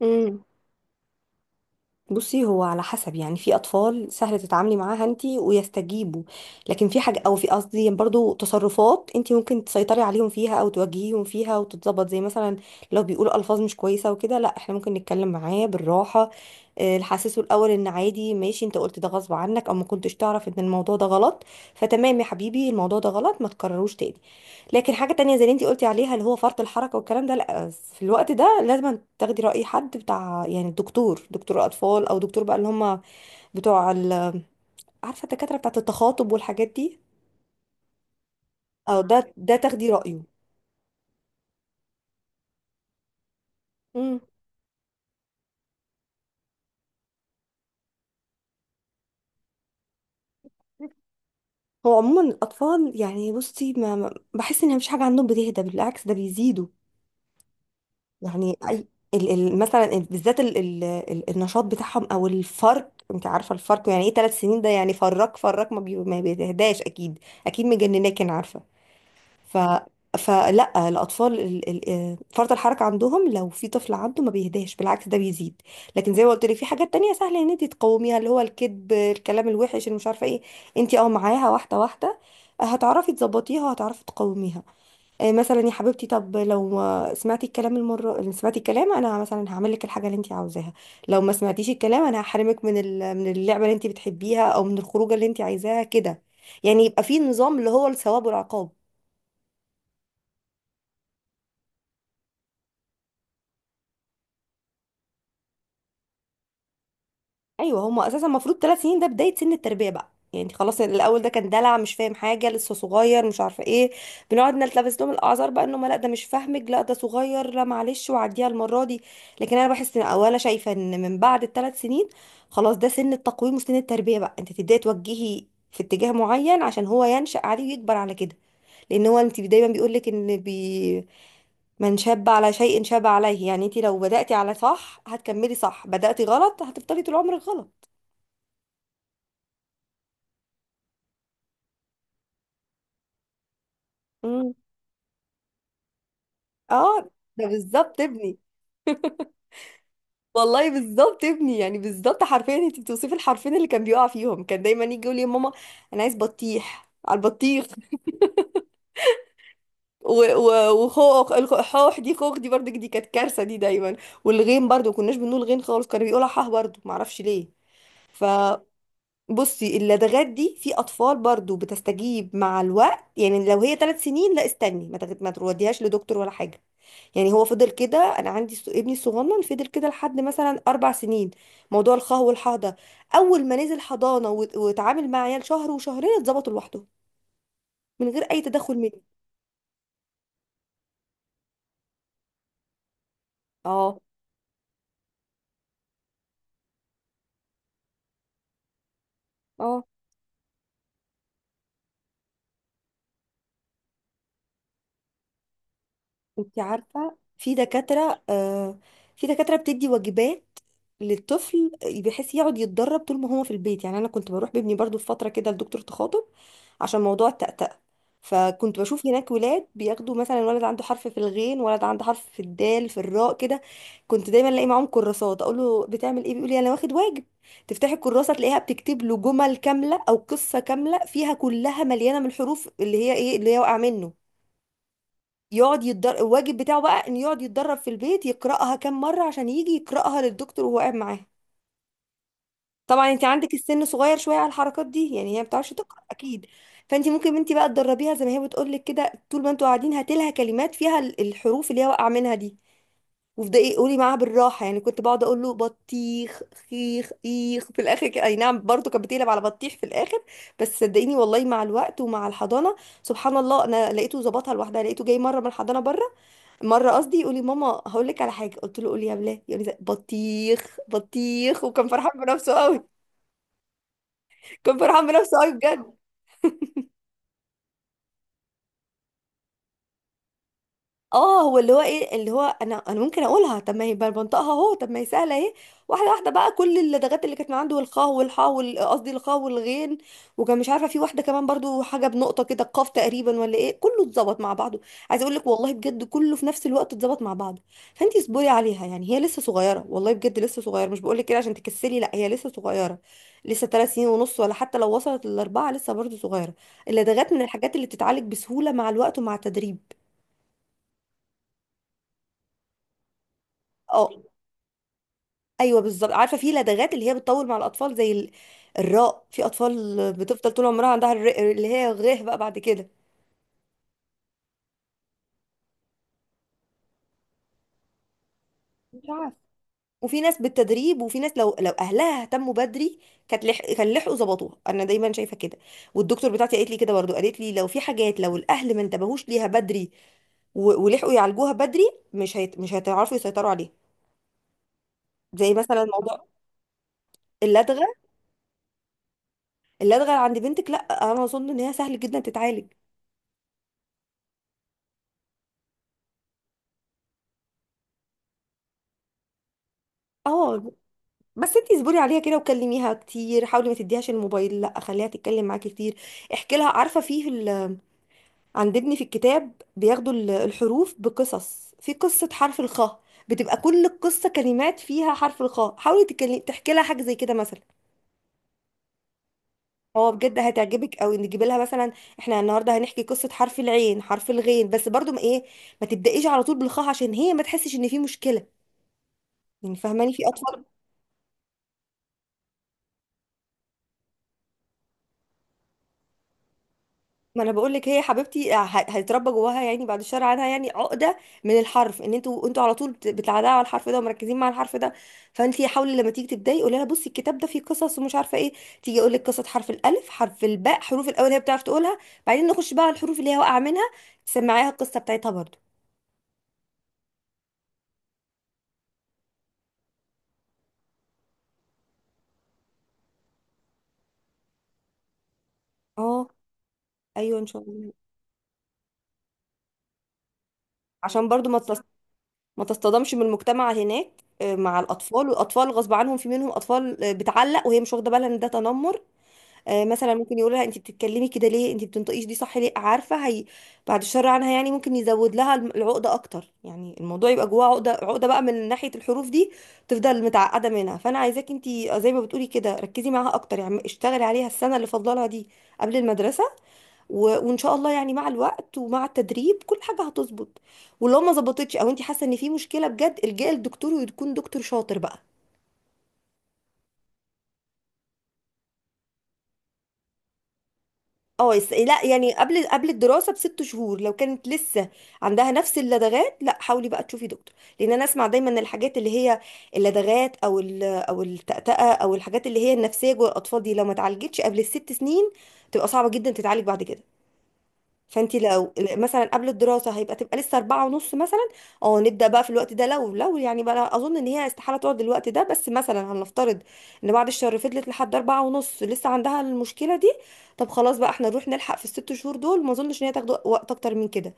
امم بصي، هو على حسب، يعني في اطفال سهل تتعاملي معاها انتي ويستجيبوا. لكن في حاجه او في، قصدي، برضو تصرفات انتي ممكن تسيطري عليهم فيها او توجهيهم فيها وتتظبط، زي مثلا لو بيقولوا الفاظ مش كويسه وكده، لا، احنا ممكن نتكلم معاه بالراحه. نحسسه الاول ان عادي، ماشي، انت قلت ده غصب عنك او ما كنتش تعرف ان الموضوع ده غلط. فتمام يا حبيبي، الموضوع ده غلط، ما تكرروش تاني. لكن حاجه تانية زي اللي انتي قلتي عليها، اللي هو فرط الحركه والكلام ده، لا. بس في الوقت ده لازم تاخدي رأي حد بتاع، يعني دكتور أطفال، أو دكتور بقى اللي هم بتوع عارفة، الدكاترة بتاعة التخاطب والحاجات دي، أو ده تاخدي رأيه. مم. هو عموما الأطفال، يعني بصي، بحس إن مفيش حاجة عندهم بتهدى، بالعكس ده بيزيدوا. يعني أي، ال مثلا بالذات ال النشاط بتاعهم، أو الفرق، أنت عارفة الفرق يعني إيه، 3 سنين ده يعني فرق، فرق ما، ما بيتهداش، أكيد. أكيد مجنناك، أنا عارفة. ف فلا، الاطفال فرط الحركه عندهم، لو في طفل عنده ما بيهداش، بالعكس ده بيزيد. لكن زي ما قلت لك، في حاجات تانية سهله ان انت تقاوميها، اللي هو الكذب، الكلام الوحش، اللي مش عارفه ايه، انت معاها واحده واحده، هتعرفي تظبطيها وهتعرفي تقاوميها. مثلا يا حبيبتي، طب لو ما سمعتي الكلام، المره اللي سمعتي الكلام، انا مثلا هعمل لك الحاجه اللي انت عاوزاها. لو ما سمعتيش الكلام، انا هحرمك من اللعبه اللي انت بتحبيها او من الخروجه اللي انت عايزاها كده. يعني يبقى في نظام، اللي هو الثواب والعقاب. ايوه، هما اساسا المفروض ثلاث سنين ده بدايه سن التربيه بقى، يعني انت خلاص، الاول ده كان دلع، مش فاهم حاجه، لسه صغير، مش عارفه ايه، بنقعد نلتبس لهم الاعذار بقى، انه ما، لا، ده مش فاهمك، لا، ده صغير، لا، معلش وعديها المره دي. لكن انا بحس ان، او انا شايفه ان، من بعد الثلاث سنين خلاص ده سن التقويم وسن التربيه بقى، انت تبداي توجهي في اتجاه معين، عشان هو ينشأ عليه ويكبر على كده. لان هو انت دايما بيقول لك ان من شاب على شيء شاب عليه، يعني انت لو بدأتي على صح هتكملي صح، بدأتي غلط هتفضلي طول عمرك غلط. مم. اه، ده بالظبط ابني. والله بالظبط ابني، يعني بالظبط حرفيا انت بتوصفي الحرفين اللي كان بيقع فيهم، كان دايما يجي يقول لي يا ماما، انا عايز بطيح على البطيخ. وخوخ، الخوخ دي، خوخ دي برضه، دي كانت كارثه دي دايما. والغين برضه، ما كناش بنقول غين خالص، كانوا بيقولوا حاه برضه، ما اعرفش ليه. ف بصي، اللدغات دي في اطفال برضو بتستجيب مع الوقت، يعني لو هي ثلاث سنين، لا استني، ما توديهاش لدكتور ولا حاجه. يعني هو فضل كده، انا عندي ابني الصغنن فضل كده لحد مثلا 4 سنين، موضوع الخه والحاضه. اول ما نزل حضانه واتعامل مع عيال شهر وشهرين، اتظبطوا لوحده، من غير اي تدخل مني. اه، اه، انت عارفة، في دكاترة، في دكاترة بتدي واجبات للطفل، بحيث يقعد يتدرب طول ما هو في البيت. يعني انا كنت بروح بابني برضو في فترة كده لدكتور تخاطب، عشان موضوع التأتأة. فكنت بشوف هناك ولاد بياخدوا، مثلا ولد عنده حرف في الغين، ولد عنده حرف في الدال، في الراء كده. كنت دايما الاقي معاهم كراسات، اقول له بتعمل ايه، بيقول لي انا واخد واجب. تفتحي الكراسه تلاقيها بتكتب له جمل كامله او قصه كامله فيها، كلها مليانه من الحروف اللي هي ايه، اللي هي واقع منه. يقعد يتدرب الواجب بتاعه بقى، ان يقعد يتدرب في البيت، يقرأها كام مرة عشان يجي يقرأها للدكتور وهو قاعد معاها. طبعا انت عندك السن صغير شوية على الحركات دي، يعني هي ما بتعرفش تقرأ اكيد. فانت ممكن، انت بقى تدربيها زي ما هي بتقول لك كده، طول ما انتوا قاعدين هاتي لها كلمات فيها الحروف اللي هي واقعة منها دي. وابدأي، قولي معاها بالراحة، يعني كنت بقعد اقول له بطيخ، خيخ، ايخ، في الاخر اي نعم برضه، كانت بتقلب على بطيخ في الاخر. بس صدقيني والله، مع الوقت ومع الحضانة، سبحان الله، انا لقيته ظبطها لوحدها، لقيته جاي مرة من الحضانة بره، مره، قصدي، يقول لي ماما هقول لك على حاجه، قلت له قولي يا بلال، يقول لي بطيخ بطيخ، وكان فرحان بنفسه قوي. كان فرحان بنفسه قوي بجد. اه، هو اللي هو ايه، اللي هو انا ممكن اقولها، طب ما هي بقى بنطقها اهو، طب ما هي سهله اهي. واحده واحده بقى، كل اللدغات اللي كانت من عنده، والخاء والحاء قصدي الخاء والغين، وكان مش عارفه، في واحده كمان برضو، حاجه بنقطه كده، القاف تقريبا ولا ايه، كله اتظبط مع بعضه. عايزه اقول لك والله بجد، كله في نفس الوقت اتظبط مع بعضه. فانتي اصبري عليها، يعني هي لسه صغيره، والله بجد لسه صغيره، مش بقول لك كده عشان تكسلي، لا هي لسه صغيره، لسه 3 سنين ونص، ولا حتى لو وصلت للاربعه لسه برضو صغيره. اللدغات من الحاجات اللي بتتعالج بسهوله مع الوقت ومع التدريب. اه، ايوه بالظبط، عارفه في لدغات اللي هي بتطول مع الاطفال، زي الراء، في اطفال بتفضل طول عمرها عندها اللي هي غيه بقى بعد كده. مش عارفة، وفي ناس بالتدريب، وفي ناس لو اهلها اهتموا بدري، كان لحقوا ظبطوها، انا دايما شايفه كده. والدكتور بتاعتي قالت لي كده برضو، قالت لي لو في حاجات، لو الاهل ما انتبهوش ليها بدري ولحقوا يعالجوها بدري، مش هيتعرفوا يسيطروا عليها. زي مثلا موضوع اللدغه. اللدغه عند بنتك، لا، انا اظن ان هي سهل جدا تتعالج. اه، بس انتي اصبري عليها كده وكلميها كتير، حاولي ما تديهاش الموبايل، لا خليها تتكلم معاكي كتير. احكي لها، عارفه، عند ابني في الكتاب بياخدوا الحروف بقصص، في قصه حرف الخاء، بتبقى كل القصه كلمات فيها حرف الخاء، حاولي تحكي لها حاجه زي كده مثلا. هو بجد هتعجبك قوي، نجيب لها مثلا، احنا النهارده هنحكي قصه حرف العين، حرف الغين، بس برضو ما، ايه، ما تبدايش على طول بالخاء، عشان هي ما تحسش ان في مشكله، يعني فاهماني، في اطفال. ما انا بقول لك، هي حبيبتي هيتربى جواها، يعني بعد الشر عنها، يعني عقده من الحرف، ان انتوا على طول بتعلقوا على الحرف ده ومركزين مع الحرف ده. فانت حاولي لما تيجي تبداي، قولي لها بصي، الكتاب ده فيه قصص ومش عارفه ايه، تيجي اقول لك قصه حرف الالف، حرف الباء، حروف الاول هي بتعرف تقولها، بعدين نخش بقى على الحروف اللي هي واقعه منها، تسمعيها القصه بتاعتها برضو. اه، ايوه ان شاء الله، عشان برضو ما تصطدمش من المجتمع هناك، مع الاطفال، والاطفال غصب عنهم في منهم اطفال، بتعلق وهي مش واخده بالها ان ده تنمر. مثلا ممكن يقول لها انت بتتكلمي كده ليه، انت بتنطقيش دي صح ليه، عارفه هي. بعد الشر عنها، يعني ممكن يزود لها العقده اكتر، يعني الموضوع يبقى جواها عقده، عقده بقى من ناحيه الحروف دي، تفضل متعقده منها. فانا عايزاك انت، زي ما بتقولي كده، ركزي معاها اكتر، يعني اشتغلي عليها السنه اللي فاضلها دي قبل المدرسه، و... وان شاء الله، يعني مع الوقت ومع التدريب كل حاجه هتظبط. ولو ما ظبطتش او انت حاسه ان في مشكله بجد، الجئي لدكتور، ويكون دكتور شاطر بقى. اه، لا يعني، قبل الدراسه بست شهور، لو كانت لسه عندها نفس اللدغات، لا حاولي بقى تشوفي دكتور. لان انا اسمع دايما، ان الحاجات اللي هي اللدغات او التأتأة، او الحاجات اللي هي النفسيه جوه الاطفال دي، لو ما اتعالجتش قبل الست سنين تبقى صعبه جدا تتعالج بعد كده. فانت لو مثلا قبل الدراسه تبقى لسه 4 ونص مثلا. اه، نبدا بقى في الوقت ده، لو يعني بقى، أنا اظن ان هي استحاله تقعد الوقت ده، بس مثلا هنفترض ان بعد الشهر فضلت لحد 4 ونص لسه عندها المشكله دي، طب خلاص بقى، احنا نروح نلحق في الست شهور دول، ما اظنش ان هي تاخد وقت اكتر من كده.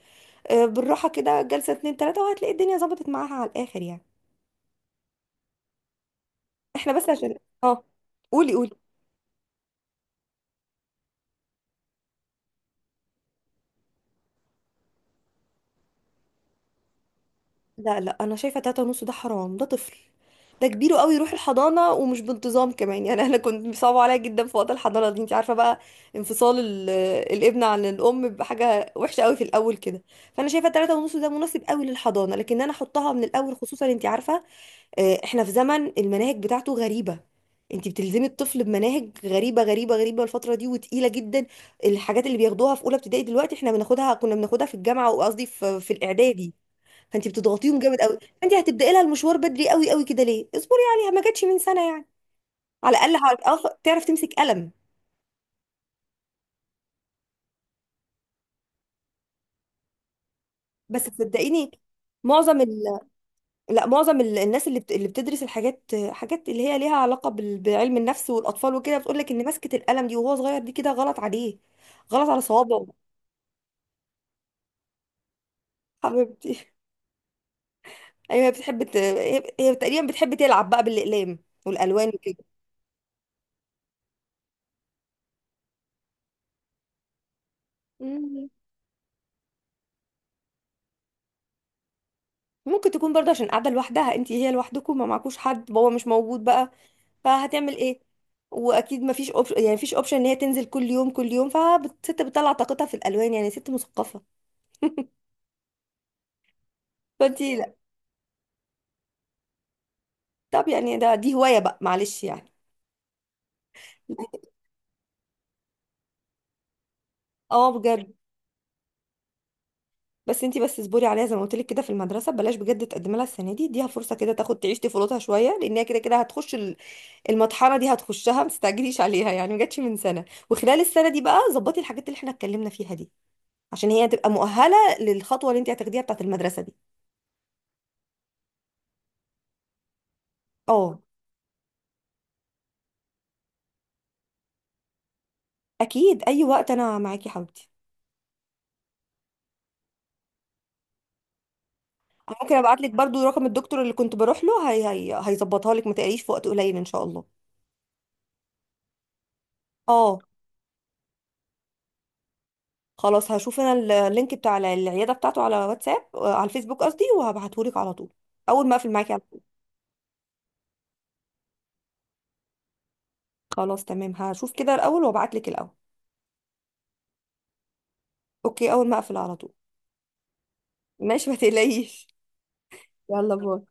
بالراحه كده، جلسه اتنين تلاته، وهتلاقي الدنيا ظبطت معاها على الاخر يعني. احنا بس عشان، اه، قولي قولي. لا، لا، انا شايفه 3 ونص ده حرام، ده طفل، ده كبير قوي يروح الحضانه، ومش بانتظام كمان، يعني انا كنت بيصعب عليا جدا في وقت الحضانه دي، انت عارفه بقى، انفصال الابن عن الام بحاجه وحشه قوي في الاول كده. فانا شايفه 3 ونص ده مناسب قوي للحضانه، لكن انا احطها من الاول، خصوصا انت عارفه، احنا في زمن المناهج بتاعته غريبه، انت بتلزمي الطفل بمناهج غريبه غريبه غريبه الفتره دي، وتقيله جدا. الحاجات اللي بياخدوها في اولى ابتدائي دلوقتي احنا كنا بناخدها في الجامعه، وقصدي في الاعدادي. فانت بتضغطيهم جامد قوي، فانت هتبداي لها المشوار بدري قوي قوي كده، ليه، اصبري عليها، ما جاتش من سنه يعني. على الاقل تعرف تمسك قلم. بس صدقيني، معظم ال... لا معظم الناس اللي اللي بتدرس الحاجات، حاجات اللي هي ليها علاقه بعلم النفس والاطفال وكده، بتقول لك ان مسكه القلم دي وهو صغير دي كده غلط عليه، غلط على صوابعه. حبيبتي، ايوه هي بتحب هي تقريبا بتحب تلعب بقى بالاقلام والالوان وكده. مم. ممكن تكون برضه عشان قاعده لوحدها، انت هي لوحدكم، ما معكوش حد، بابا مش موجود بقى، فهتعمل ايه. واكيد مفيش اوبشن، يعني مفيش اوبشن ان هي تنزل كل يوم كل يوم، فالست بتطلع طاقتها في الالوان، يعني ست مثقفه. فانتي لا. طب يعني دي هوايه بقى، معلش يعني. اه بجد. بس انتي بس اصبري عليها زي ما قلت لك كده في المدرسه، بلاش بجد تقدمي لها السنه دي، اديها فرصه كده تاخد تعيش طفولتها شويه، لان هي كده كده هتخش المطحنه دي، هتخشها، ما تستعجليش عليها يعني، ما جاتش من سنه. وخلال السنه دي بقى ظبطي الحاجات اللي احنا اتكلمنا فيها دي، عشان هي تبقى مؤهله للخطوه اللي انتي هتاخديها بتاعت المدرسه دي. اه، اكيد اي وقت انا معاكي يا حبيبتي. أنا ممكن ابعت لك برضو رقم الدكتور اللي كنت بروح له، هي هيظبطها لك، ما تقليش في وقت قليل ان شاء الله. اه خلاص، هشوف انا اللينك بتاع العياده بتاعته على واتساب، على الفيسبوك قصدي، وهبعته لك على طول، اول ما اقفل معاكي على طول. خلاص تمام، هشوف كده الاول وابعت لك الاول. اوكي، اول ما اقفل على طول. ماشي، ما تقلقيش. يلا باي.